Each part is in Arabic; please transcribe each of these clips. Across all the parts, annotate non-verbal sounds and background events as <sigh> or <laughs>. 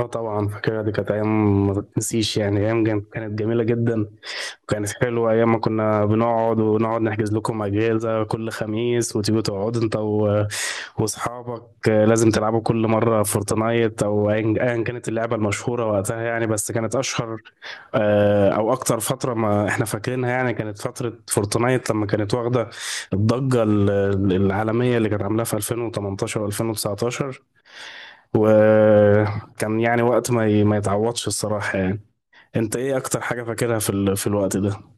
اه، طبعا فاكرها. دي كانت ايام ما تتنسيش، يعني ايام كانت جميله جدا. وكانت حلوه ايام ما كنا بنقعد ونقعد نحجز لكم اجهزه كل خميس، وتيجوا تقعدوا انت و- واصحابك. لازم تلعبوا كل مره فورتنايت او أيا كانت اللعبه المشهوره وقتها، يعني بس كانت اشهر او اكتر فتره ما احنا فاكرينها. يعني كانت فتره فورتنايت لما كانت واخده الضجه العالميه اللي كانت عاملاها في 2018 و2019. وكان يعني وقت ما يتعوضش الصراحة يعني. انت ايه اكتر حاجة فاكرها في الوقت ده؟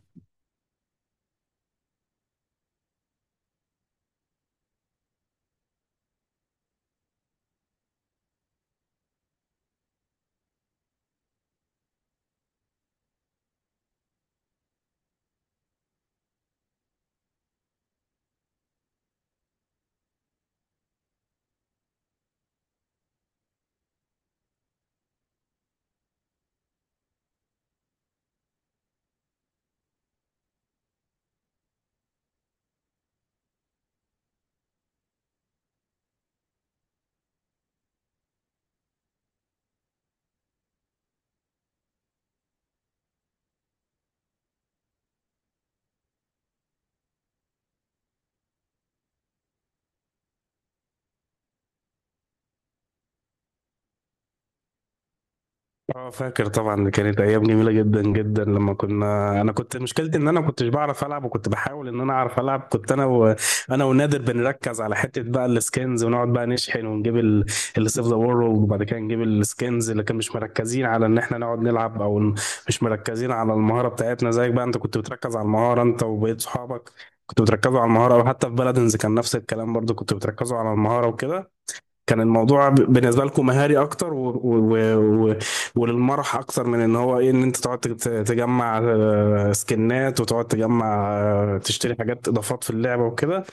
اه، فاكر طبعا. دي كانت ايام جميله جدا جدا. لما انا كنت مشكلتي ان انا ما كنتش بعرف العب، وكنت بحاول ان انا اعرف العب. كنت انا انا ونادر بنركز على حته بقى السكنز، ونقعد بقى نشحن ونجيب اللي سيف ذا وورلد، وبعد كده نجيب السكنز. اللي كان مش مركزين على ان احنا نقعد نلعب مش مركزين على المهاره بتاعتنا زيك. بقى انت كنت بتركز على المهاره، انت وبقيت صحابك كنتوا بتركزوا على المهاره. وحتى في بلدنز كان نفس الكلام برضو، كنتوا بتركزوا على المهاره وكده. كان الموضوع بالنسبة لكم مهاري أكتر وللمرح أكتر من إن هو إيه إن أنت تقعد تجمع سكنات، وتقعد تجمع تشتري حاجات إضافات في اللعبة وكده.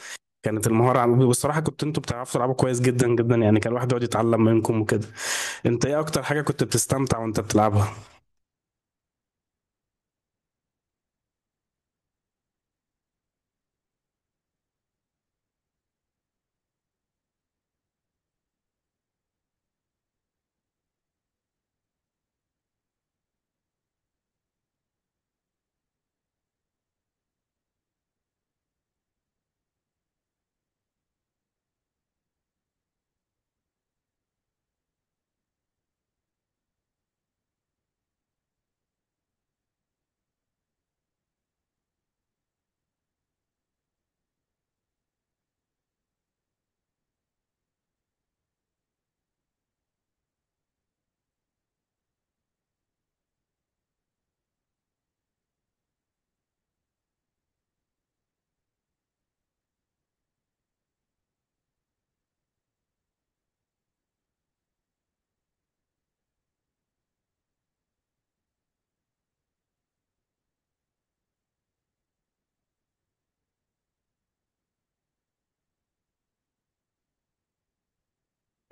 كانت المهارة والصراحة أنتوا بتعرفوا تلعبوا كويس جدا جدا، يعني كان الواحد يقعد يتعلم منكم وكده. أنت إيه أكتر حاجة كنت بتستمتع وأنت بتلعبها؟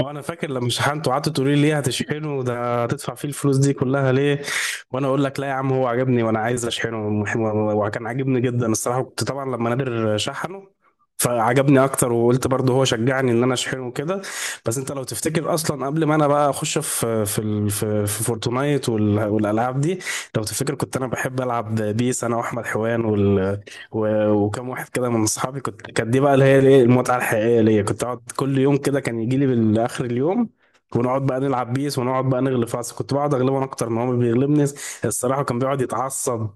وانا فاكر لما شحنته، قعدت تقولي لي ليه هتشحنه؟ ده هتدفع فيه الفلوس دي كلها ليه؟ وانا اقول لك لا يا عم، هو عجبني وانا عايز اشحنه وكان عاجبني جدا الصراحه. كنت طبعا لما نادر شحنه فعجبني اكتر، وقلت برضه هو شجعني ان انا اشحنه كده. بس انت لو تفتكر اصلا، قبل ما انا بقى اخش في في ال- في في فورتنايت وال- والالعاب دي، لو تفتكر كنت انا بحب العب بيس، انا واحمد حوان و- وكم واحد كده من اصحابي. كانت دي بقى اللي هي الايه المتعه الحقيقيه ليا. كنت اقعد كل يوم كده، كان يجي لي بالاخر اليوم، ونقعد بقى نلعب بيس، ونقعد بقى نغلب فاس. كنت بقعد اغلبه انا اكتر ما هو بيغلبني. الصراحه كان بيقعد يتعصب،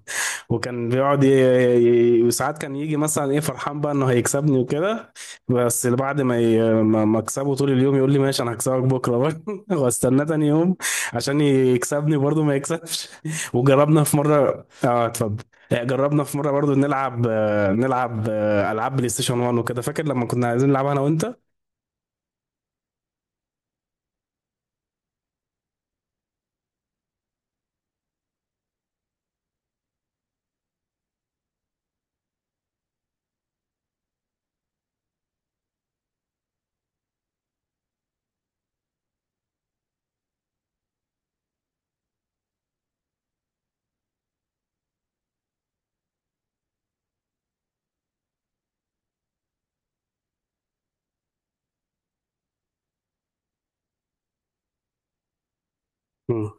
وكان بيقعد وساعات كان يجي مثلا ايه فرحان بقى انه هيكسبني وكده. بس بعد ما ي... ما ما اكسبه طول اليوم، يقول لي ماشي انا هكسبك بكره برضه <laughs> واستناه تاني يوم عشان يكسبني، برضه ما يكسبش. وجربنا في مره. اه، اتفضل. جربنا في مره برضو نلعب العاب بلاي ستيشن 1 وكده، فاكر لما كنا عايزين نلعبها انا وانت؟ مم.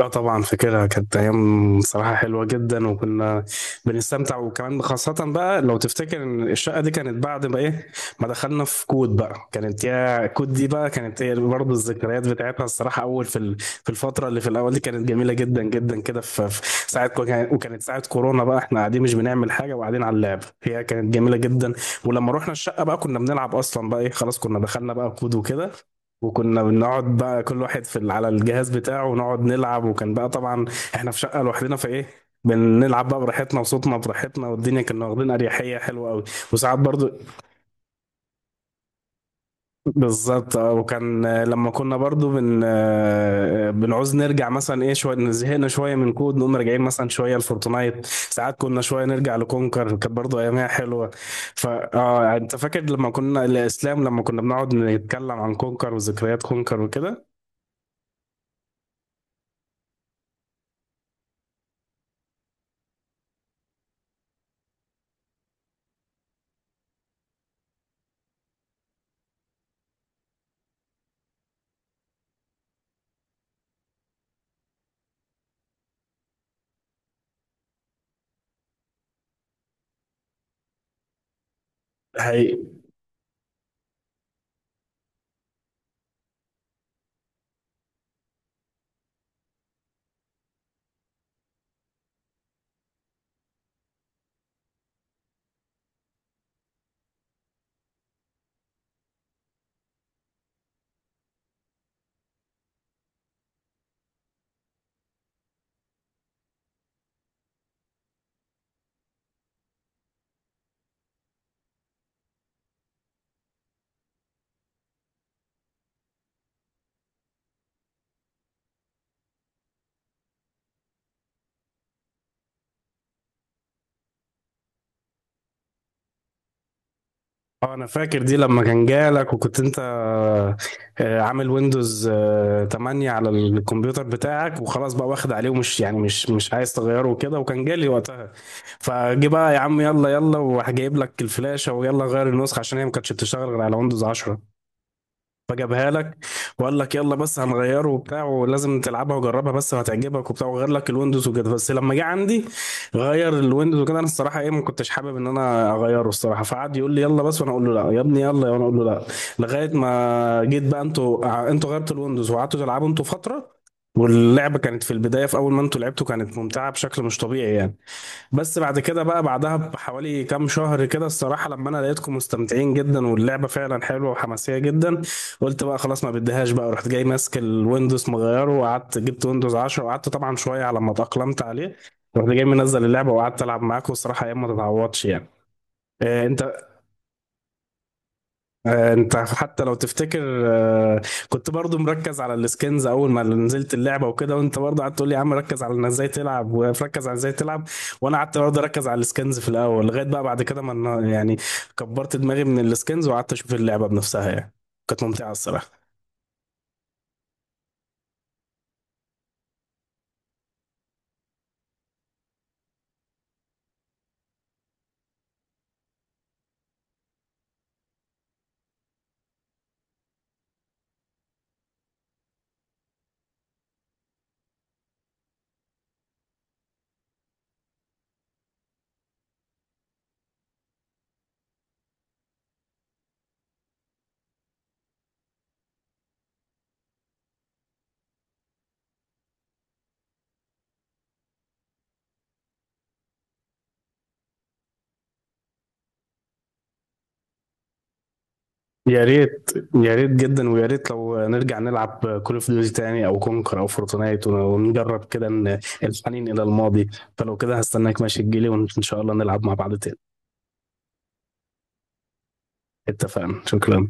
لا طبعا فاكرها. كانت ايام صراحه حلوه جدا، وكنا بنستمتع. وكمان خاصه بقى لو تفتكر ان الشقه دي كانت بعد ما دخلنا في كود. بقى كانت، يا كود دي بقى، كانت هي برضه الذكريات بتاعتها الصراحه. اول في الفتره اللي في الاول دي كانت جميله جدا جدا كده. في ساعه كو- كان- وكانت ساعه كورونا بقى، احنا قاعدين مش بنعمل حاجه وقاعدين على اللعب، هي كانت جميله جدا. ولما رحنا الشقه بقى كنا بنلعب اصلا، بقى ايه، خلاص كنا دخلنا بقى كود وكده، وكنا بنقعد بقى كل واحد على الجهاز بتاعه ونقعد نلعب. وكان بقى طبعا احنا في شقة لوحدنا، فايه، بنلعب بقى براحتنا وصوتنا براحتنا، والدنيا كنا واخدين اريحية حلوة قوي. وساعات برضو بالظبط اه. وكان لما كنا برضو بن آه، بنعوز نرجع مثلا ايه شوية، زهقنا شوية من كود نقوم راجعين مثلا شوية لفورتنايت، ساعات كنا شوية نرجع لكونكر، كانت برضو ايامها حلوة. فا انت فاكر لما كنا، الاسلام، لما كنا بنقعد نتكلم عن كونكر وذكريات كونكر وكده؟ اه انا فاكر دي. لما كان جالك وكنت انت عامل ويندوز 8 على الكمبيوتر بتاعك، وخلاص بقى واخد عليه ومش يعني مش عايز تغيره وكده، وكان جالي وقتها. فجي بقى يا عم يلا يلا وهجيب لك الفلاشة، ويلا غير النسخة عشان هي ما كانتش بتشتغل غير على ويندوز 10. فجابها لك وقال لك يلا بس هنغيره وبتاع ولازم تلعبها وجربها بس وهتعجبك وبتاع، وغير لك الويندوز وكده. بس لما جه عندي غير الويندوز وكده، انا الصراحه ايه ما كنتش حابب ان انا اغيره الصراحه. فقعد يقول لي يلا بس، وانا اقول له لا يا ابني، يلا، وانا اقول له لا، لغايه ما جيت بقى. انتوا انتوا غيرتوا الويندوز وقعدتوا تلعبوا انتوا فتره، واللعبه كانت في البدايه في اول ما انتوا لعبتوا كانت ممتعه بشكل مش طبيعي يعني. بس بعد كده بقى، بعدها بحوالي كام شهر كده الصراحة، لما انا لقيتكم مستمتعين جدا واللعبة فعلا حلوة وحماسية جدا، قلت بقى خلاص ما بديهاش بقى. رحت جاي ماسك الويندوز مغيره، وقعدت جبت ويندوز 10، وقعدت طبعا شوية على ما اتأقلمت عليه، رحت جاي منزل اللعبة وقعدت العب معاكم. الصراحة ايام ما تتعوضش يعني. آه، انت انت حتى لو تفتكر، كنت برضو مركز على السكنز اول ما نزلت اللعبه وكده، وانت برضو قعدت تقول لي يا عم ركز على انك ازاي تلعب وركز على ازاي تلعب. وانا قعدت برضو اركز على السكنز في الاول، لغايه بقى بعد كده ما انا- يعني كبرت دماغي من السكنز وقعدت اشوف اللعبه بنفسها، يعني كانت ممتعه الصراحه. يا ريت، يا ريت جدا، ويا ريت لو نرجع نلعب كول اوف ديوتي تاني او كونكر او فورتنايت، ونجرب كده إن الحنين الى الماضي. فلو كده هستناك، ماشي، تجيلي وان شاء الله نلعب مع بعض تاني. اتفقنا، شكرا.